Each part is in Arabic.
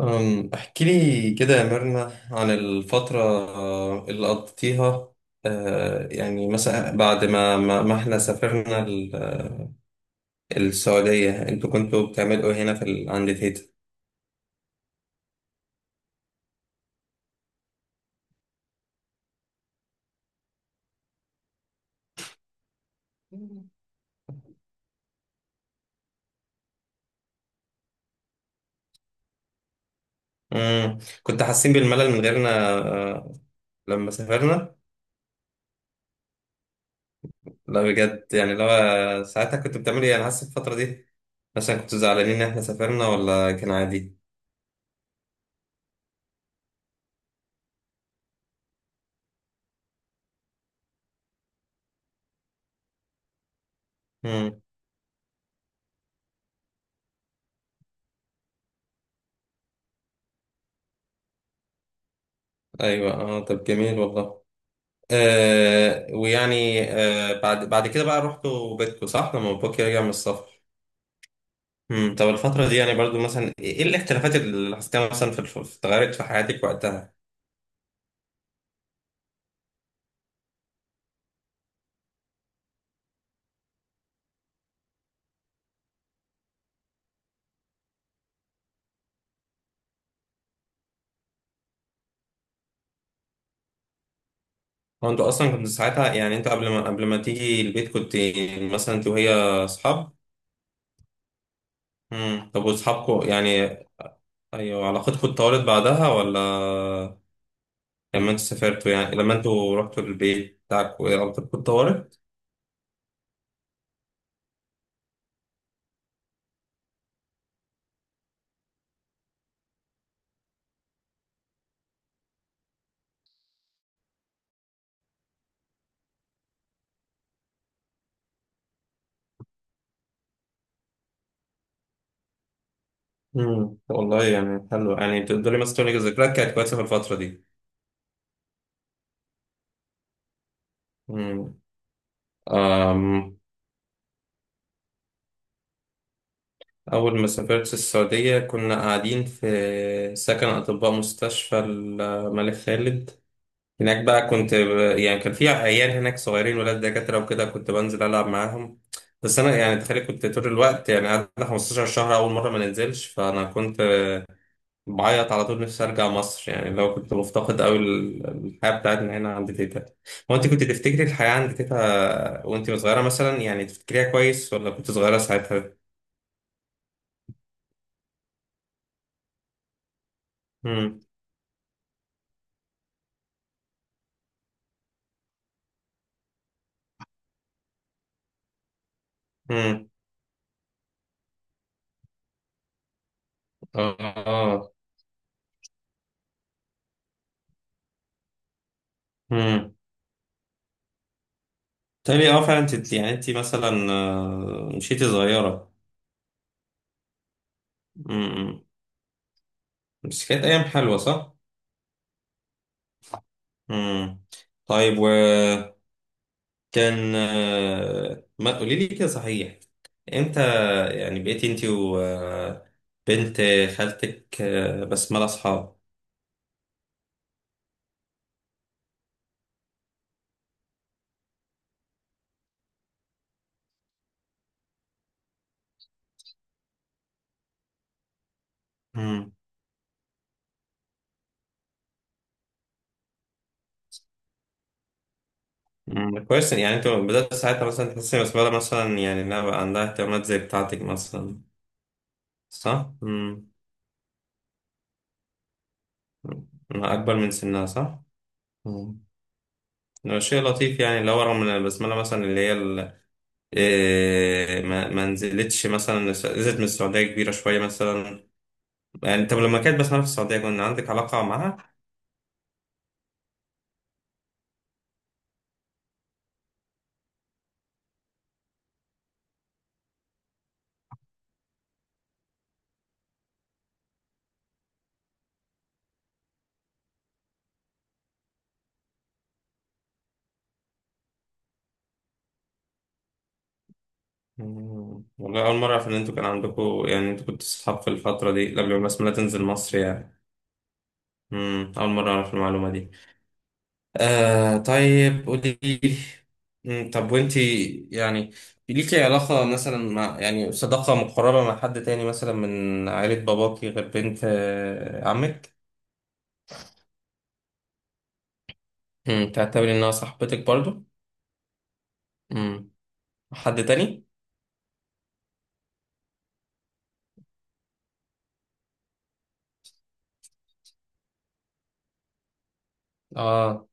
احكي لي كده يا ميرنا عن الفترة، اللي قضيتيها. يعني مثلا بعد ما احنا سافرنا السعودية، انتوا كنتوا بتعملوا إيه هنا عند تيتا؟ كنت حاسين بالملل من غيرنا آه، لما سافرنا؟ لا، بجد، يعني لو ساعتها كنت بتعملوا ايه، انا حاسس الفترة دي مثلا كنتوا زعلانين ان احنا سافرنا ولا كان عادي؟ مم، ايوه، اه، طب جميل والله. ويعني، بعد كده بقى رحتوا بيتكو، صح؟ لما باباك رجع من السفر. طب الفترة دي يعني برضو مثلا إيه الاختلافات اللي حسيتها مثلا في اتغيرت في حياتك وقتها؟ هو انتوا اصلا كنتوا ساعتها، يعني انتوا قبل ما تيجي البيت، كنت مثلا انت وهي اصحاب؟ طب، واصحابكم يعني؟ ايوه، علاقتكم اتطورت بعدها ولا لما انتوا سافرتوا، يعني لما انتوا رحتوا البيت بتاعكم علاقتكم اتطورت؟ والله يعني حلو. يعني تقدري مثلا تقولي ذكريات كانت كويسة في الفترة دي؟ مم. أم، أول ما سافرت السعودية كنا قاعدين في سكن أطباء مستشفى الملك خالد. هناك بقى كنت يعني كان في عيال هناك صغيرين ولاد دكاترة وكده، كنت بنزل ألعب معاهم. بس أنا يعني تخيل كنت طول الوقت، يعني قعدت 15 شهر أول مرة ما ننزلش، فأنا كنت بعيط على طول، نفسي أرجع مصر يعني، لو كنت مفتقد أوي الحياة بتاعتنا هنا عند تيتا. هو أنت كنت تفتكري الحياة عند تيتا وأنت صغيرة مثلا؟ يعني تفتكريها كويس ولا كنت صغيرة ساعتها؟ مم. امم اه امم تالي، اه، فعلا انت يعني انت مثلا مشيتي صغيرة. امم بس كانت ايام حلوة، صح؟ امم طيب، وكان ما قولي لي كده صحيح، امتى يعني بقيتي انت وبنت خالتك بسملة اصحاب؟ امم أمم، كويس. يعني انت بدأت ساعتها مثلا تحسي إن بسملة مثلا يعني انها بقى عندها اهتمامات زي بتاعتك مثلا، صح؟ أمم، اكبر من سنها، صح؟ مم. هو شيء لطيف، يعني اللي هو رغم ان البسمله مثلا اللي هي ال- إيه، ما نزلتش مثلا، نزلت من السعوديه كبيره شويه مثلا. يعني طب لما كانت بسمله في السعوديه كان عندك علاقه معاها؟ مم. والله، اول مره اعرف ان انتوا كان عندكم، يعني انتوا كنتوا صحاب في الفتره دي قبل ما البسمله تنزل مصر يعني. مم. اول مره اعرف المعلومه دي. طيب قولي لي. طب وانتي يعني ليكي علاقة مثلا، مع، يعني صداقة مقربة مع حد تاني مثلا من عائلة باباكي غير بنت عمك؟ تعتبري انها صاحبتك برضو؟ مم، حد تاني؟ اه.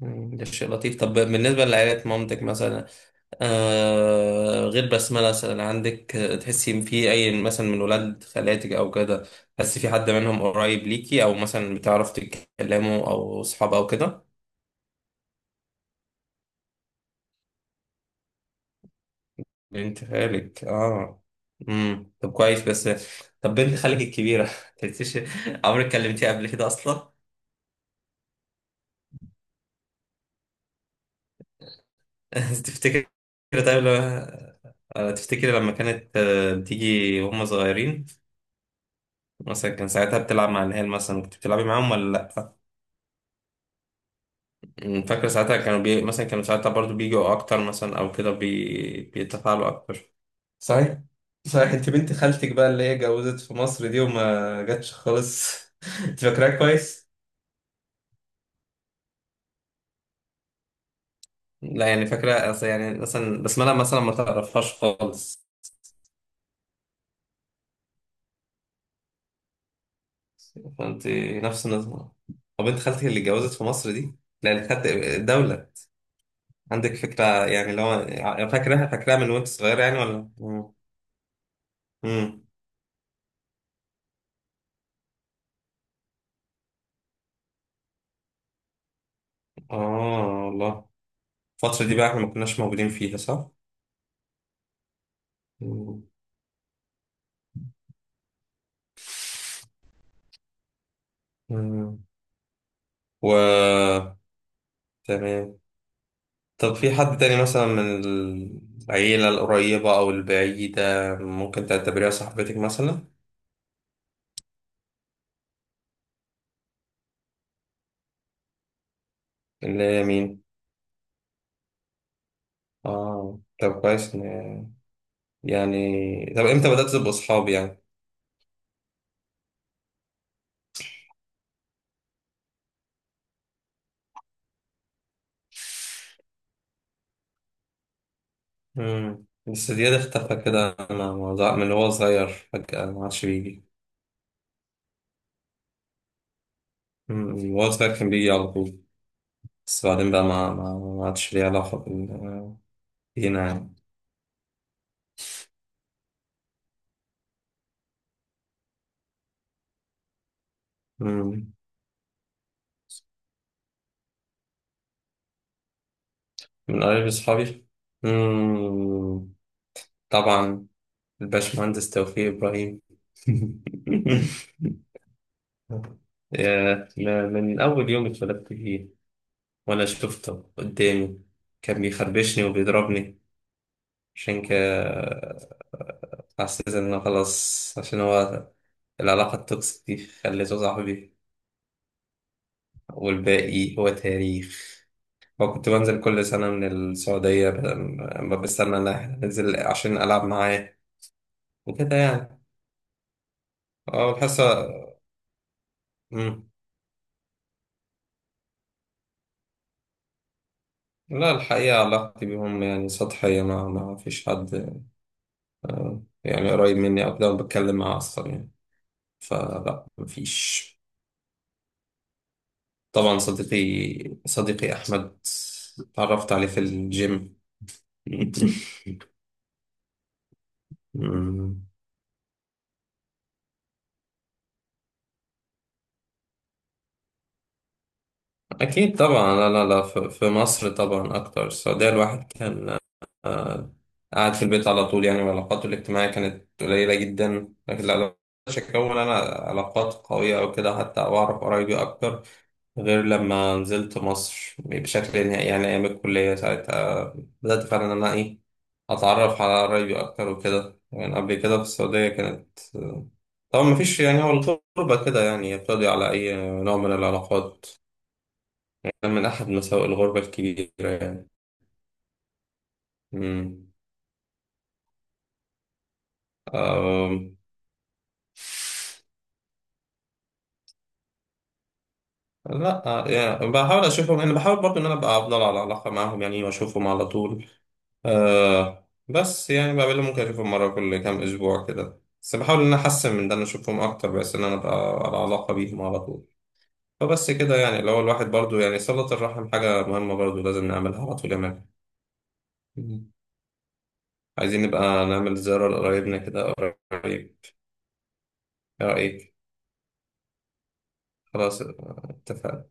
مم، ده شيء لطيف. طب بالنسبة لعائلة مامتك مثلا، غير بسملة مثلا، عندك تحسي إن في أي مثلا من ولاد خالاتك أو كده، تحسي في حد منهم قريب ليكي أو مثلا بتعرف تتكلموا أو صحاب أو كده؟ بنت خالك. طب كويس. بس طب بنت خالك الكبيرة تحسيش، عمرك كلمتيها قبل كده أصلا؟ تفتكر؟ طيب لما تفتكري لما كانت بتيجي وهم صغيرين، مثلا كان ساعتها بتلعب مع العيال، مثلا كنت بتلعبي معاهم ولا لأ؟ فاكر ساعتها كانوا مثلا كانوا ساعتها برضو بيجوا اكتر مثلا او كده بيتفاعلوا اكتر. صحيح. صحيح، انت بنت خالتك بقى اللي هي اتجوزت في مصر دي وما جاتش خالص. انت فاكراها كويس؟ لا، يعني فاكرة أصل يعني مثلا، بس أنا مثلا ما تعرفهاش خالص. فأنت نفس النظام. طب بنت خالتك اللي اتجوزت في مصر دي، لا، اللي خدت الدولة. عندك فكرة؟ يعني اللي هو يعني فاكراها من وأنت صغير يعني، ولا؟ مم. مم. والله الفترة دي بقى إحنا ما كناش موجودين فيها، صح؟ مم. مم. و تمام. طب في حد تاني مثلا من العيلة القريبة أو البعيدة ممكن تعتبريها صاحبتك مثلا؟ اللي هي مين؟ طب كويس يعني. طب إمتى بدأت تبقوا صحاب يعني؟ مم. بس دياد اختفى كده، أنا من هو صغير فجأة ما عادش بيجي. مم. وهو صغير كان بيجي على طول، بس بعدين بقى ما عادش ليه علاقة بينا يعني. مم. من قرايب أصحابي، مم، طبعا، الباشمهندس توفيق إبراهيم. من أول يوم اتولدت فيه وأنا شفته قدامي كان بيخربشني وبيضربني. عشان كده حسيت إنه خلاص، عشان هو العلاقة التوكسيك دي خليته صاحبي. والباقي هو تاريخ. وكنت بنزل كل سنة من السعودية ما بستنى إن إحنا ننزل عشان ألعب معاه وكده يعني. اه، بحس. مم. لا، الحقيقة علاقتي بيهم يعني سطحية، ما فيش حد يعني قريب مني أو كده وبتكلم معاه أصلا يعني. فلا، ما فيش. طبعا، صديقي أحمد، اتعرفت عليه في الجيم. مم. أكيد طبعا، لا لا لا، في مصر طبعا أكتر. السعودية الواحد كان آه، قاعد في البيت على طول يعني، وعلاقاته الاجتماعية كانت قليلة جدا. لكن لا، مش أكون أنا علاقات قوية أو كده حتى، أو أعرف قرايبي أكتر، غير لما نزلت مصر بشكل نهائي، يعني أيام الكلية ساعتها بدأت فعلا إن أنا أتعرف على قرايبي أكتر وكده يعني. قبل كده في السعودية كانت طبعا مفيش، يعني هو الغربة كده يعني بتقضي على أي نوع من العلاقات. كان من أحد مساوئ الغربة الكبيرة يعني. مم. أم. لا يعني بحاول اشوفهم، انا بحاول برضو ان انا ابقى افضل على علاقه معاهم يعني واشوفهم على طول. بس يعني بقابلهم، ممكن اشوفهم مره كل كام اسبوع كده، بس بحاول ان انا احسن من ده ان اشوفهم اكتر، بس ان انا ابقى على علاقه بيهم على طول. فبس كده يعني، اللي هو الواحد برضو يعني صله الرحم حاجه مهمه برضو لازم نعملها على طول يا مان. مم. عايزين نبقى نعمل زياره لقرايبنا كده قريب. ايه رايك؟ خلاص اتفقنا.